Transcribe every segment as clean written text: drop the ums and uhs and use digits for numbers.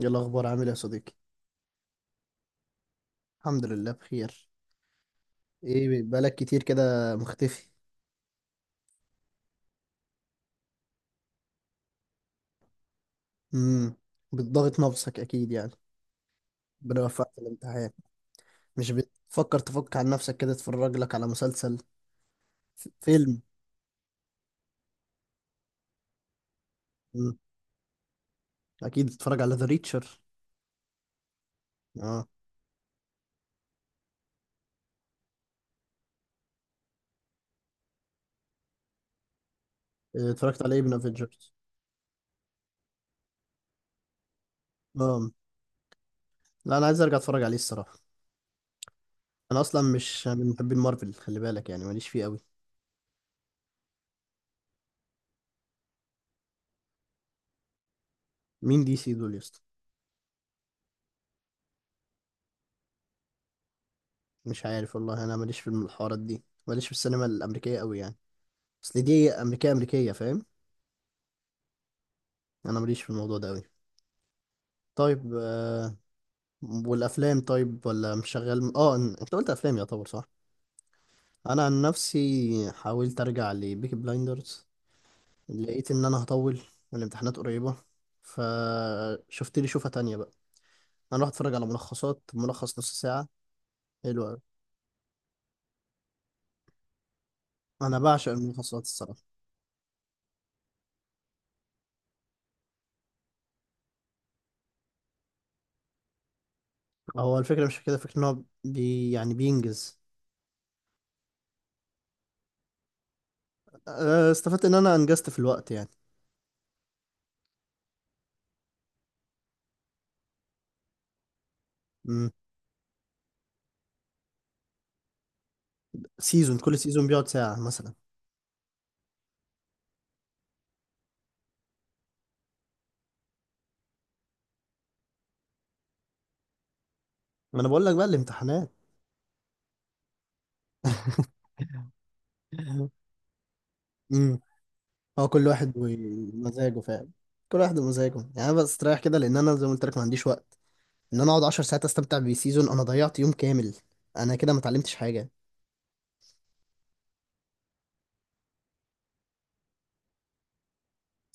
ايه الاخبار عامل إيه يا صديقي؟ الحمد لله بخير. ايه بقالك كتير كده مختفي؟ امم بتضغط نفسك اكيد يعني. ربنا يوفقك في الامتحان. مش بتفكر تفك عن نفسك كده تتفرج لك على مسلسل، فيلم؟ امم اكيد بتتفرج على ذا ريتشر. اه. إيه، اتفرجت على ايه من افنجرز؟ اه. لا، انا عايز ارجع اتفرج عليه الصراحه. انا اصلا مش من محبين مارفل، خلي بالك يعني، ماليش فيه قوي. مين دي سي دول يا اسطى؟ مش عارف والله، انا ماليش في الحوارات دي، ماليش في السينما الامريكيه قوي يعني. اصل دي امريكيه امريكيه، فاهم. انا ماليش في الموضوع ده قوي. طيب والافلام طيب ولا مش شغال؟ اه، انت قلت افلام يعتبر صح. انا عن نفسي حاولت ارجع لبيكي بلايندرز. لقيت ان انا هطول والامتحانات قريبه، فشفت لي شوفه تانية بقى. انا رحت اتفرج على ملخصات، ملخص نص ساعه. حلو قوي. انا بعشق الملخصات الصراحه. هو الفكره مش في كده، فكره ان هو يعني بينجز. استفدت ان انا انجزت في الوقت يعني. مم. سيزون، كل سيزون بيقعد ساعه مثلا. ما انا بقول لك بقى الامتحانات. امم هو كل واحد ومزاجه فعلا. كل واحد ومزاجه، يعني انا بستريح كده لان انا زي ما قلت لك ما عنديش وقت ان انا اقعد 10 ساعات استمتع بسيزون، انا ضيعت يوم كامل. انا كده ما اتعلمتش حاجه.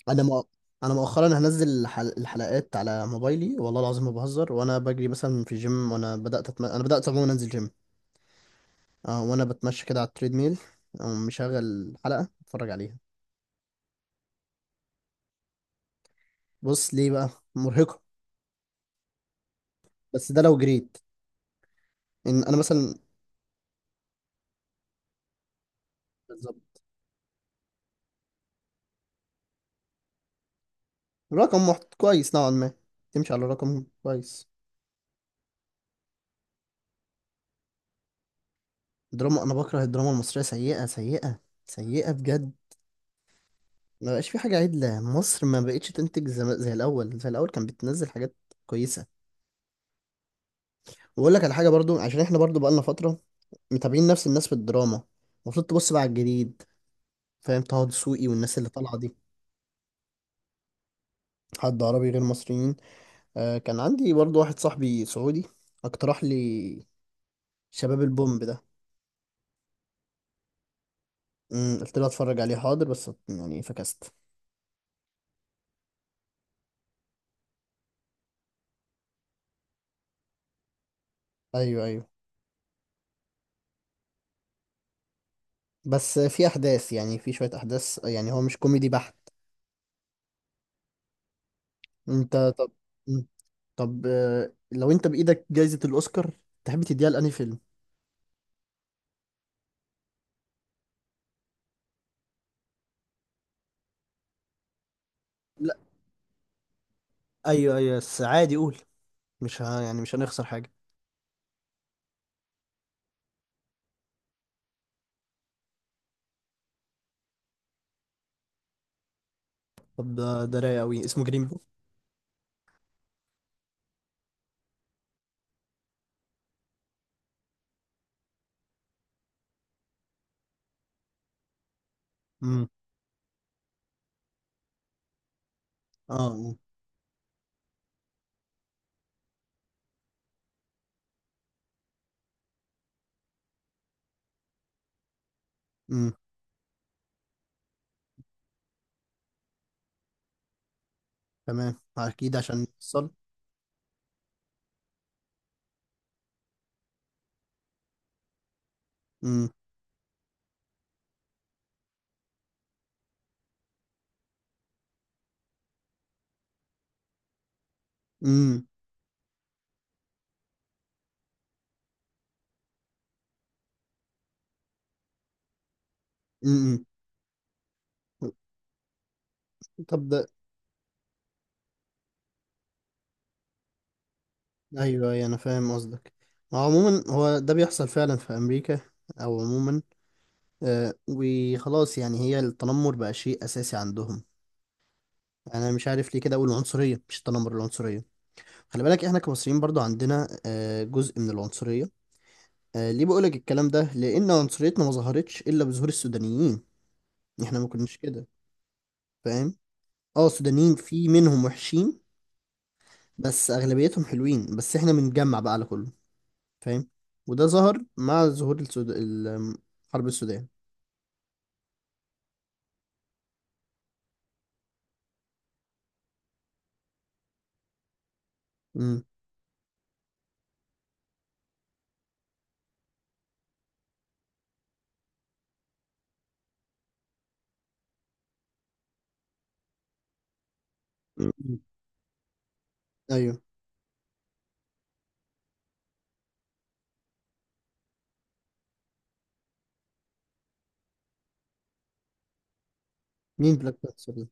انا مؤ... انا مؤخرا هنزل الحلقات على موبايلي، والله العظيم ما بهزر، وانا بجري مثلا في الجيم، انا بدات عموما انزل جيم. اه، وانا بتمشى كده على التريد ميل، أقوم مشغل حلقه اتفرج عليها. بص ليه بقى، مرهقه. بس ده لو جريت ان انا مثلا رقم كويس نوعا ما، تمشي على رقم كويس. دراما، انا بكره الدراما المصريه، سيئه سيئه سيئه بجد. ما بقاش في حاجه عدله، مصر ما بقتش تنتج زي الاول، زي الاول كان بتنزل حاجات كويسه. واقول لك على حاجه برضو، عشان احنا برضو بقالنا فتره متابعين نفس الناس في الدراما. المفروض تبص بقى على الجديد، فاهم، طه دسوقي والناس اللي طالعه دي. حد عربي غير مصريين؟ آه، كان عندي برضو واحد صاحبي سعودي، اقترح لي شباب البومب ده. قلت له اتفرج عليه حاضر، بس يعني فكست. ايوه ايوه، بس في احداث، يعني في شوية احداث، يعني هو مش كوميدي بحت. انت طب. مم. طب لو انت بايدك جايزة الاوسكار تحب تديها لأنهي فيلم؟ لا. ايوه ايوه، بس عادي قول، مش ه... يعني مش هنخسر حاجة. طب ده، ده رايق قوي اسمه جرين بوك. امم. اه. امم. تمام، اكيد عشان نوصل. امم. امم. امم. طب ده، ايوه ايوه انا فاهم قصدك. عموما هو ده بيحصل فعلا في امريكا، او عموما وخلاص يعني، هي التنمر بقى شيء اساسي عندهم. يعني انا مش عارف ليه كده، اقول العنصريه مش التنمر، العنصريه. خلي بالك احنا كمصريين برضو عندنا جزء من العنصريه. ليه بقولك الكلام ده، لان عنصريتنا ما ظهرتش الا بظهور السودانيين. احنا ما كناش كده، فاهم. اه، السودانيين في منهم وحشين، بس اغلبيتهم حلوين، بس احنا بنجمع بقى على كله، فاهم. وده ظهر مع ظهور حرب السودان. امم. ايوه. مين بلاك بانثر؟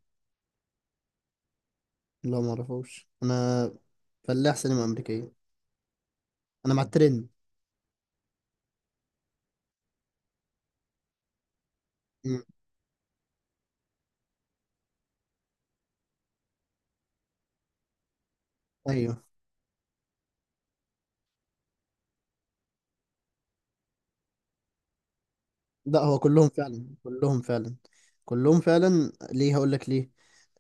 لا، ما اعرفوش انا. فلاح سينما امريكيه. انا مع الترند. مم. ايوه. لا، هو كلهم فعلا، كلهم فعلا كلهم فعلا، ليه، هقول لك ليه.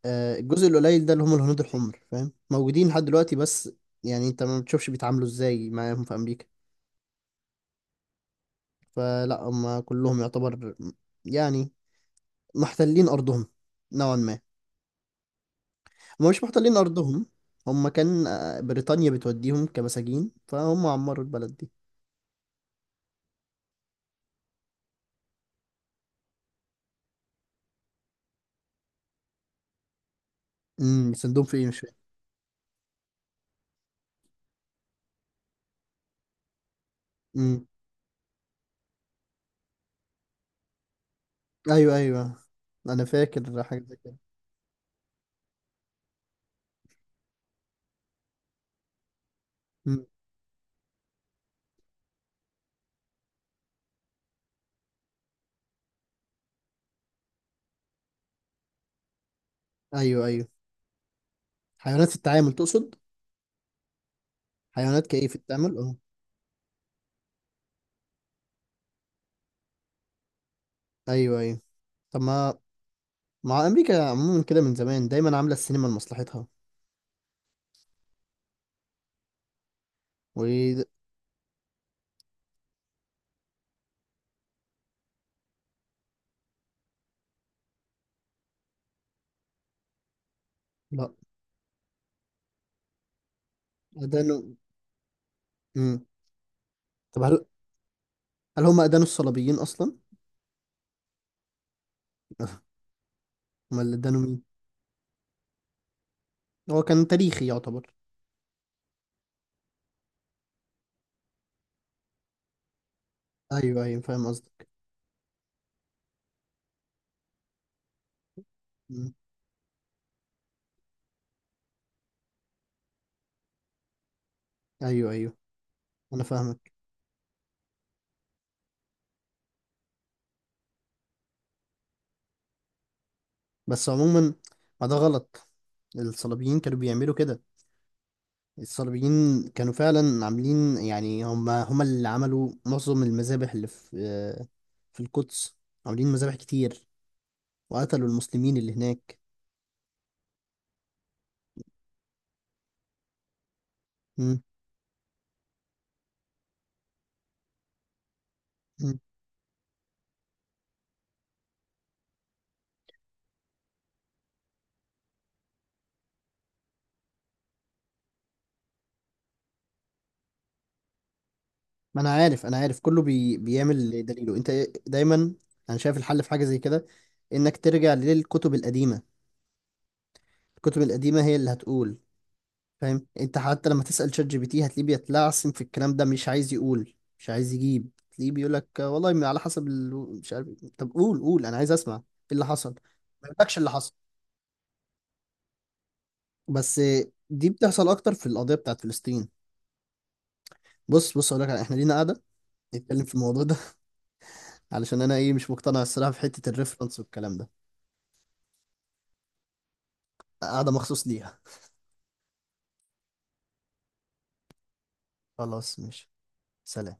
الجزء القليل ده اللي هم الهنود الحمر، فاهم، موجودين لحد دلوقتي بس. يعني انت ما بتشوفش بيتعاملوا ازاي معاهم في امريكا. فلا هم كلهم يعتبر، يعني محتلين ارضهم نوعا ما. هم مش محتلين ارضهم، هم كان بريطانيا بتوديهم كمساجين، فهم عمروا البلد دي. سندهم في ايه، مش فاهم. ايوه ايوه، انا فاكر حاجه زي كده. مم. ايوه ايوه. حيوانات في التعامل تقصد؟ حيوانات كايه في التعامل، اه. ايوه ايوه. طب ما مع امريكا عموما كده من زمان، دايما عامله السينما لمصلحتها، و لا ادانوا. مم. طب هل هم ادانوا الصليبيين اصلا؟ امال اللي ادانوا مين؟ هو كان تاريخي يعتبر. ايوه ايوه فاهم قصدك. مم. ايوه ايوه انا فاهمك. بس عموما ما ده غلط، الصليبيين كانوا بيعملوا كده، الصليبيين كانوا فعلا عاملين، يعني هم هم اللي عملوا معظم المذابح اللي في في القدس، عاملين مذابح كتير، وقتلوا المسلمين اللي هناك. مم. مم. ما انا عارف، انا عارف كله بيعمل اللي دليله انت، دايما. انا شايف الحل في حاجة زي كده، انك ترجع للكتب القديمة، الكتب القديمة هي اللي هتقول، فاهم. انت حتى لما تسأل شات جي بي تي هتلاقيه بيتلعثم في الكلام ده، مش عايز يقول، مش عايز يجيب، تلاقيه بيقول لك والله ما على حسب مش عارف إيه. طب قول قول، انا عايز اسمع ايه اللي حصل، ما يقولكش اللي حصل، بس دي بتحصل اكتر في القضية بتاعت فلسطين. بص بص اقول لك، احنا لينا قاعدة نتكلم في الموضوع ده، علشان انا ايه مش مقتنع الصراحة في حتة الريفرنس والكلام ده، قاعدة مخصوص ليها. خلاص ماشي. سلام.